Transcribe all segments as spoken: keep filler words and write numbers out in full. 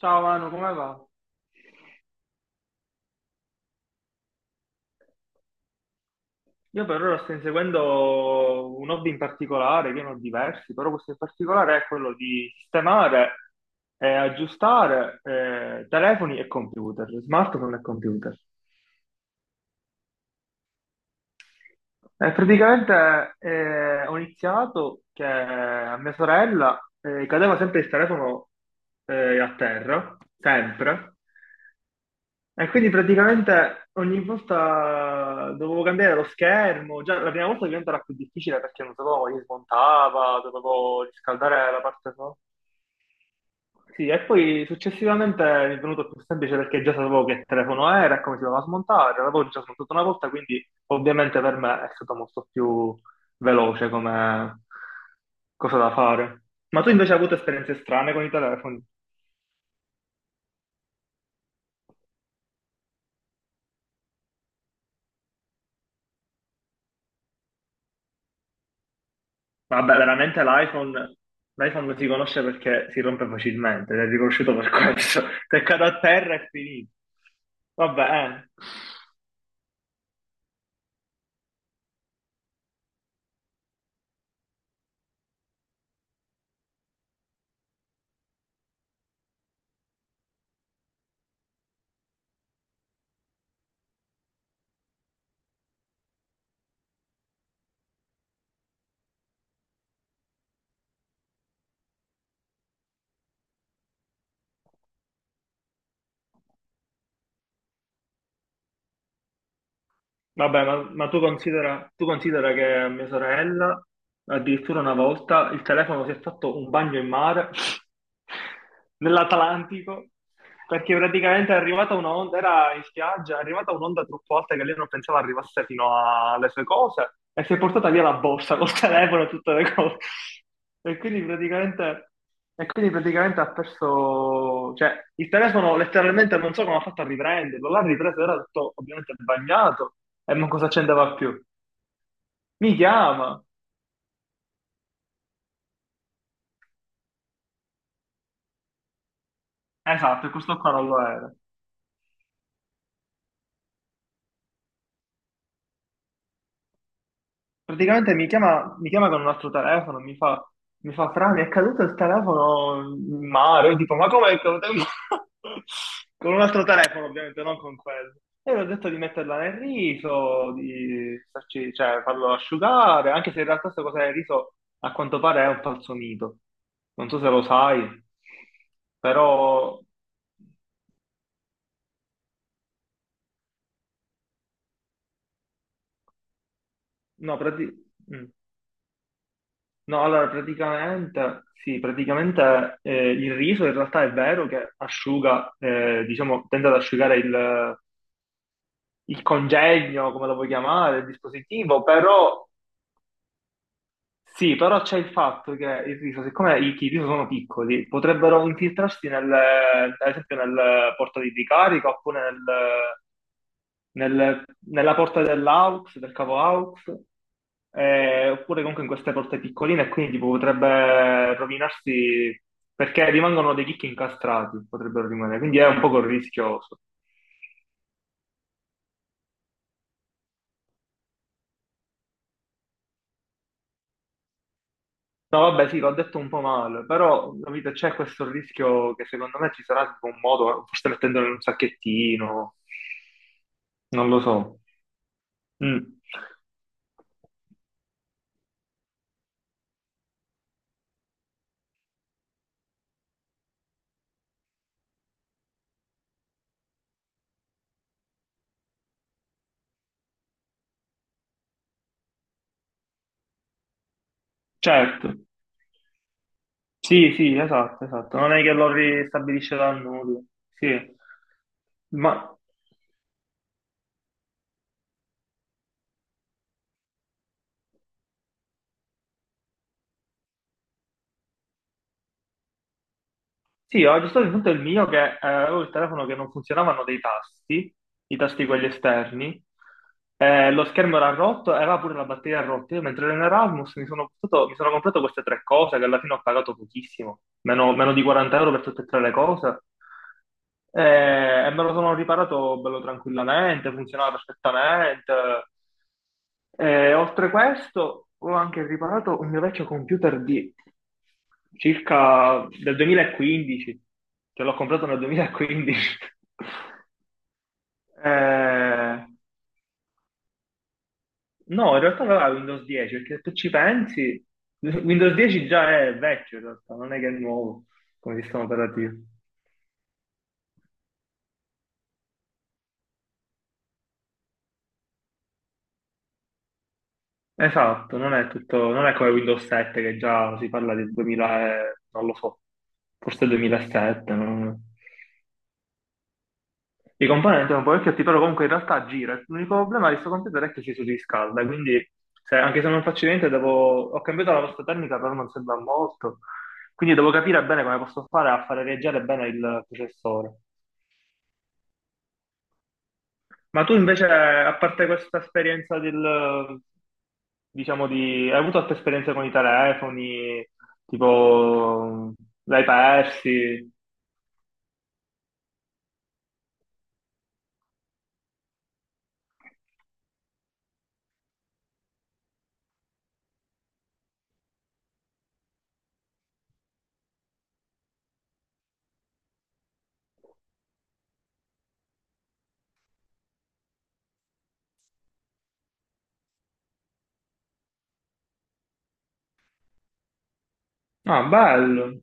Ciao Manu, come va? Io per ora sto inseguendo un hobby in particolare, che ne ho diversi, però questo in particolare è quello di sistemare e aggiustare eh, telefoni e computer, smartphone e computer. Eh, praticamente eh, ho iniziato che a mia sorella eh, cadeva sempre il telefono eh, a terra, sempre. E quindi praticamente ogni volta dovevo cambiare lo schermo, già la prima volta diventava più difficile perché non sapevo come li smontava, dovevo riscaldare la parte sopra. Sì, e poi successivamente mi è venuto più semplice perché già sapevo che telefono era e come si doveva smontare, l'avevo già smontato una volta, quindi ovviamente per me è stato molto più veloce come cosa da fare. Ma tu invece hai avuto esperienze strane con i telefoni? Vabbè, veramente l'iPhone l'iPhone si conosce perché si rompe facilmente, ed è riconosciuto per questo. Se cade a terra è finito. Vabbè, eh. Vabbè, ma, ma tu considera, tu considera che a mia sorella, addirittura una volta, il telefono si è fatto un bagno in mare nell'Atlantico, perché praticamente è arrivata un'onda, era in spiaggia, è arrivata un'onda troppo alta che lei non pensava arrivasse fino a- alle sue cose e si è portata via la borsa col telefono e tutte le cose. E quindi praticamente, e quindi praticamente ha perso, cioè il telefono letteralmente non so come ha fatto a riprenderlo, l'ha ripreso, era tutto ovviamente bagnato. E non cosa c'entrava più. Mi chiama. Esatto, e questo qua non lo era. Praticamente mi chiama, mi chiama con un altro telefono, mi fa, mi fa, Fra, mi è caduto il telefono in mare. Io dico, ma come è caduto in mare? Con un altro telefono, ovviamente, non con quello. E gli ho detto di metterla nel riso, di farci- cioè, farlo asciugare, anche se in realtà questa cosa del riso a quanto pare è un falso mito. Non so se lo sai, però... No, praticamente... No, allora praticamente, sì, praticamente eh, il riso in realtà è vero che asciuga, eh, diciamo, tende ad asciugare il, il congegno, come lo vuoi chiamare, il dispositivo, però sì, però c'è il fatto che il riso, siccome i, i riso sono piccoli, potrebbero infiltrarsi nel, ad esempio nel portatile di ricarica oppure nel, nel- nella porta dell'aux, del cavo aux, eh, oppure comunque in queste porte piccoline, e quindi tipo, potrebbe rovinarsi perché rimangono dei chicchi incastrati, potrebbero rimanere, quindi è un poco rischioso. No, vabbè, sì, l'ho detto un po' male, però capite, c'è questo rischio che secondo me ci sarà tipo un modo, forse mettendolo in un sacchettino, non lo so. Mm. Certo. Sì, sì, esatto, esatto. Non è che lo ristabilisce dal nulla. Sì. Ma sì, ho aggiustato il punto del mio che eh, avevo il telefono che non funzionavano dei tasti, i tasti quelli esterni, eh, lo schermo era rotto e aveva pure la batteria rotta. Io mentre ero in Erasmus mi sono, portato- mi sono comprato queste tre cose che alla fine ho pagato pochissimo, meno, meno di quaranta euro per tutte e tre le cose. Eh, e me lo sono riparato bello tranquillamente, funzionava perfettamente. Eh, oltre questo, ho anche riparato un mio vecchio computer di circa del duemilaquindici, che l'ho comprato nel duemilaquindici. Eh, no, in realtà non era Windows dieci, perché se tu ci pensi, Windows dieci già è vecchio in realtà, non è che è nuovo come sistema operativo. Esatto, non è tutto, non è come Windows sette che già si parla del duemila, e- non lo so, forse duemilasette, non- I componenti sono parecchio però comunque in realtà gira. L'unico problema di questo computer è che si surriscalda, quindi se- anche se non faccio niente, devo... ho cambiato la vostra tecnica, però non sembra molto. Quindi devo capire bene come posso fare a fare reagire bene il processore. Ma tu invece, a parte questa esperienza del, diciamo, di... hai avuto altre esperienze con i telefoni, tipo, l'hai persi? Ah, bello.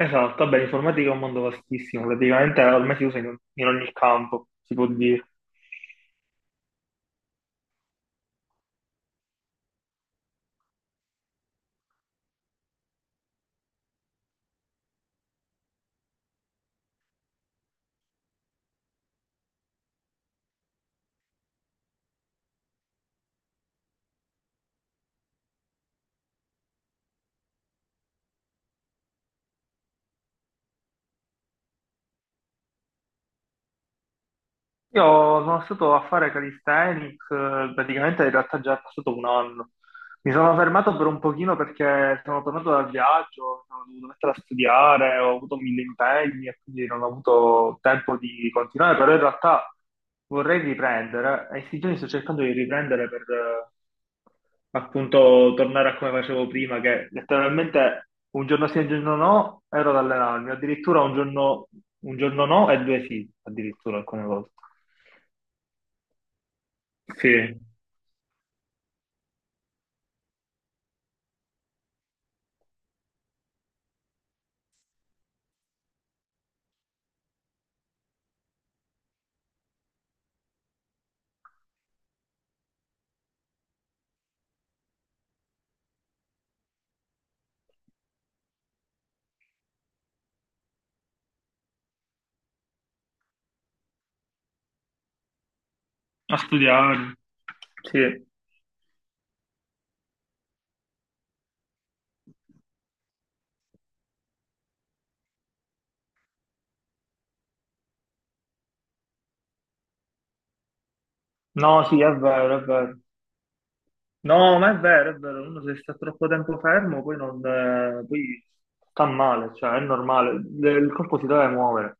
Esatto, vabbè, l'informatica è un mondo vastissimo, praticamente ormai si usa in, in ogni campo, si può dire. Io sono stato a fare calisthenics, eh, praticamente in realtà già è passato un anno. Mi sono fermato per un pochino perché sono tornato dal viaggio, sono dovuto mettere a studiare, ho avuto mille impegni e quindi non ho avuto tempo di continuare, però in realtà vorrei riprendere e in questi giorni sto cercando di riprendere per eh, appunto tornare a come facevo prima, che letteralmente un giorno sì e un giorno no ero ad allenarmi, addirittura un giorno, un giorno no e due sì, addirittura alcune volte. Sì, a studiare, sì. No, sì, è vero, è vero. No, ma è vero, è vero, uno se sta troppo tempo fermo poi, non, eh, poi sta male, cioè è normale, Le- il corpo si deve muovere,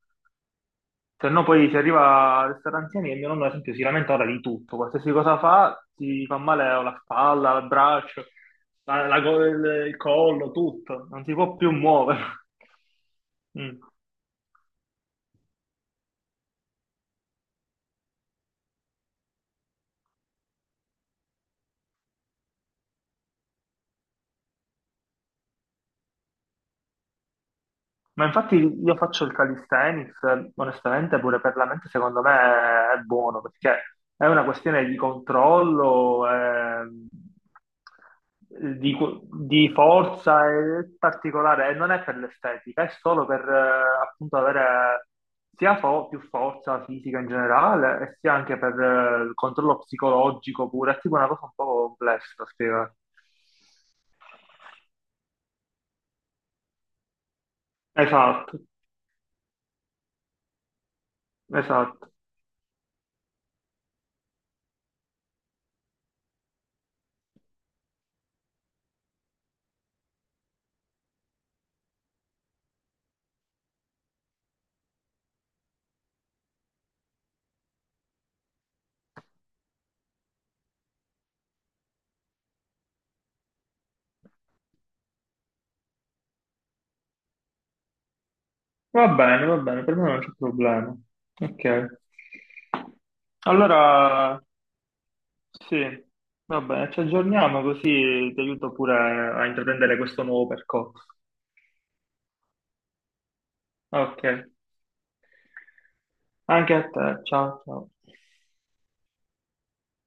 se no poi si arriva a restare anziani e mio nonno ad esempio si lamenta ora di tutto, qualsiasi cosa fa, si fa male o la spalla, il braccio, la- la co- il, il collo, tutto, non si può più muovere. Mm. Ma infatti io faccio il calisthenics, eh, onestamente pure per la mente secondo me è buono, perché è una questione di controllo, ehm, di, di forza è particolare, e non è per l'estetica, è solo per eh, appunto avere sia fo- più forza fisica in generale, e sia anche per eh, il controllo psicologico pure, è tipo una cosa un po' complessa da spiegare. Esatto, esatto. Va bene, va bene, per me non c'è problema. Ok. Allora, sì, va bene, ci aggiorniamo così ti aiuto pure a a intraprendere questo nuovo percorso. Ok, anche a te, ciao, ciao.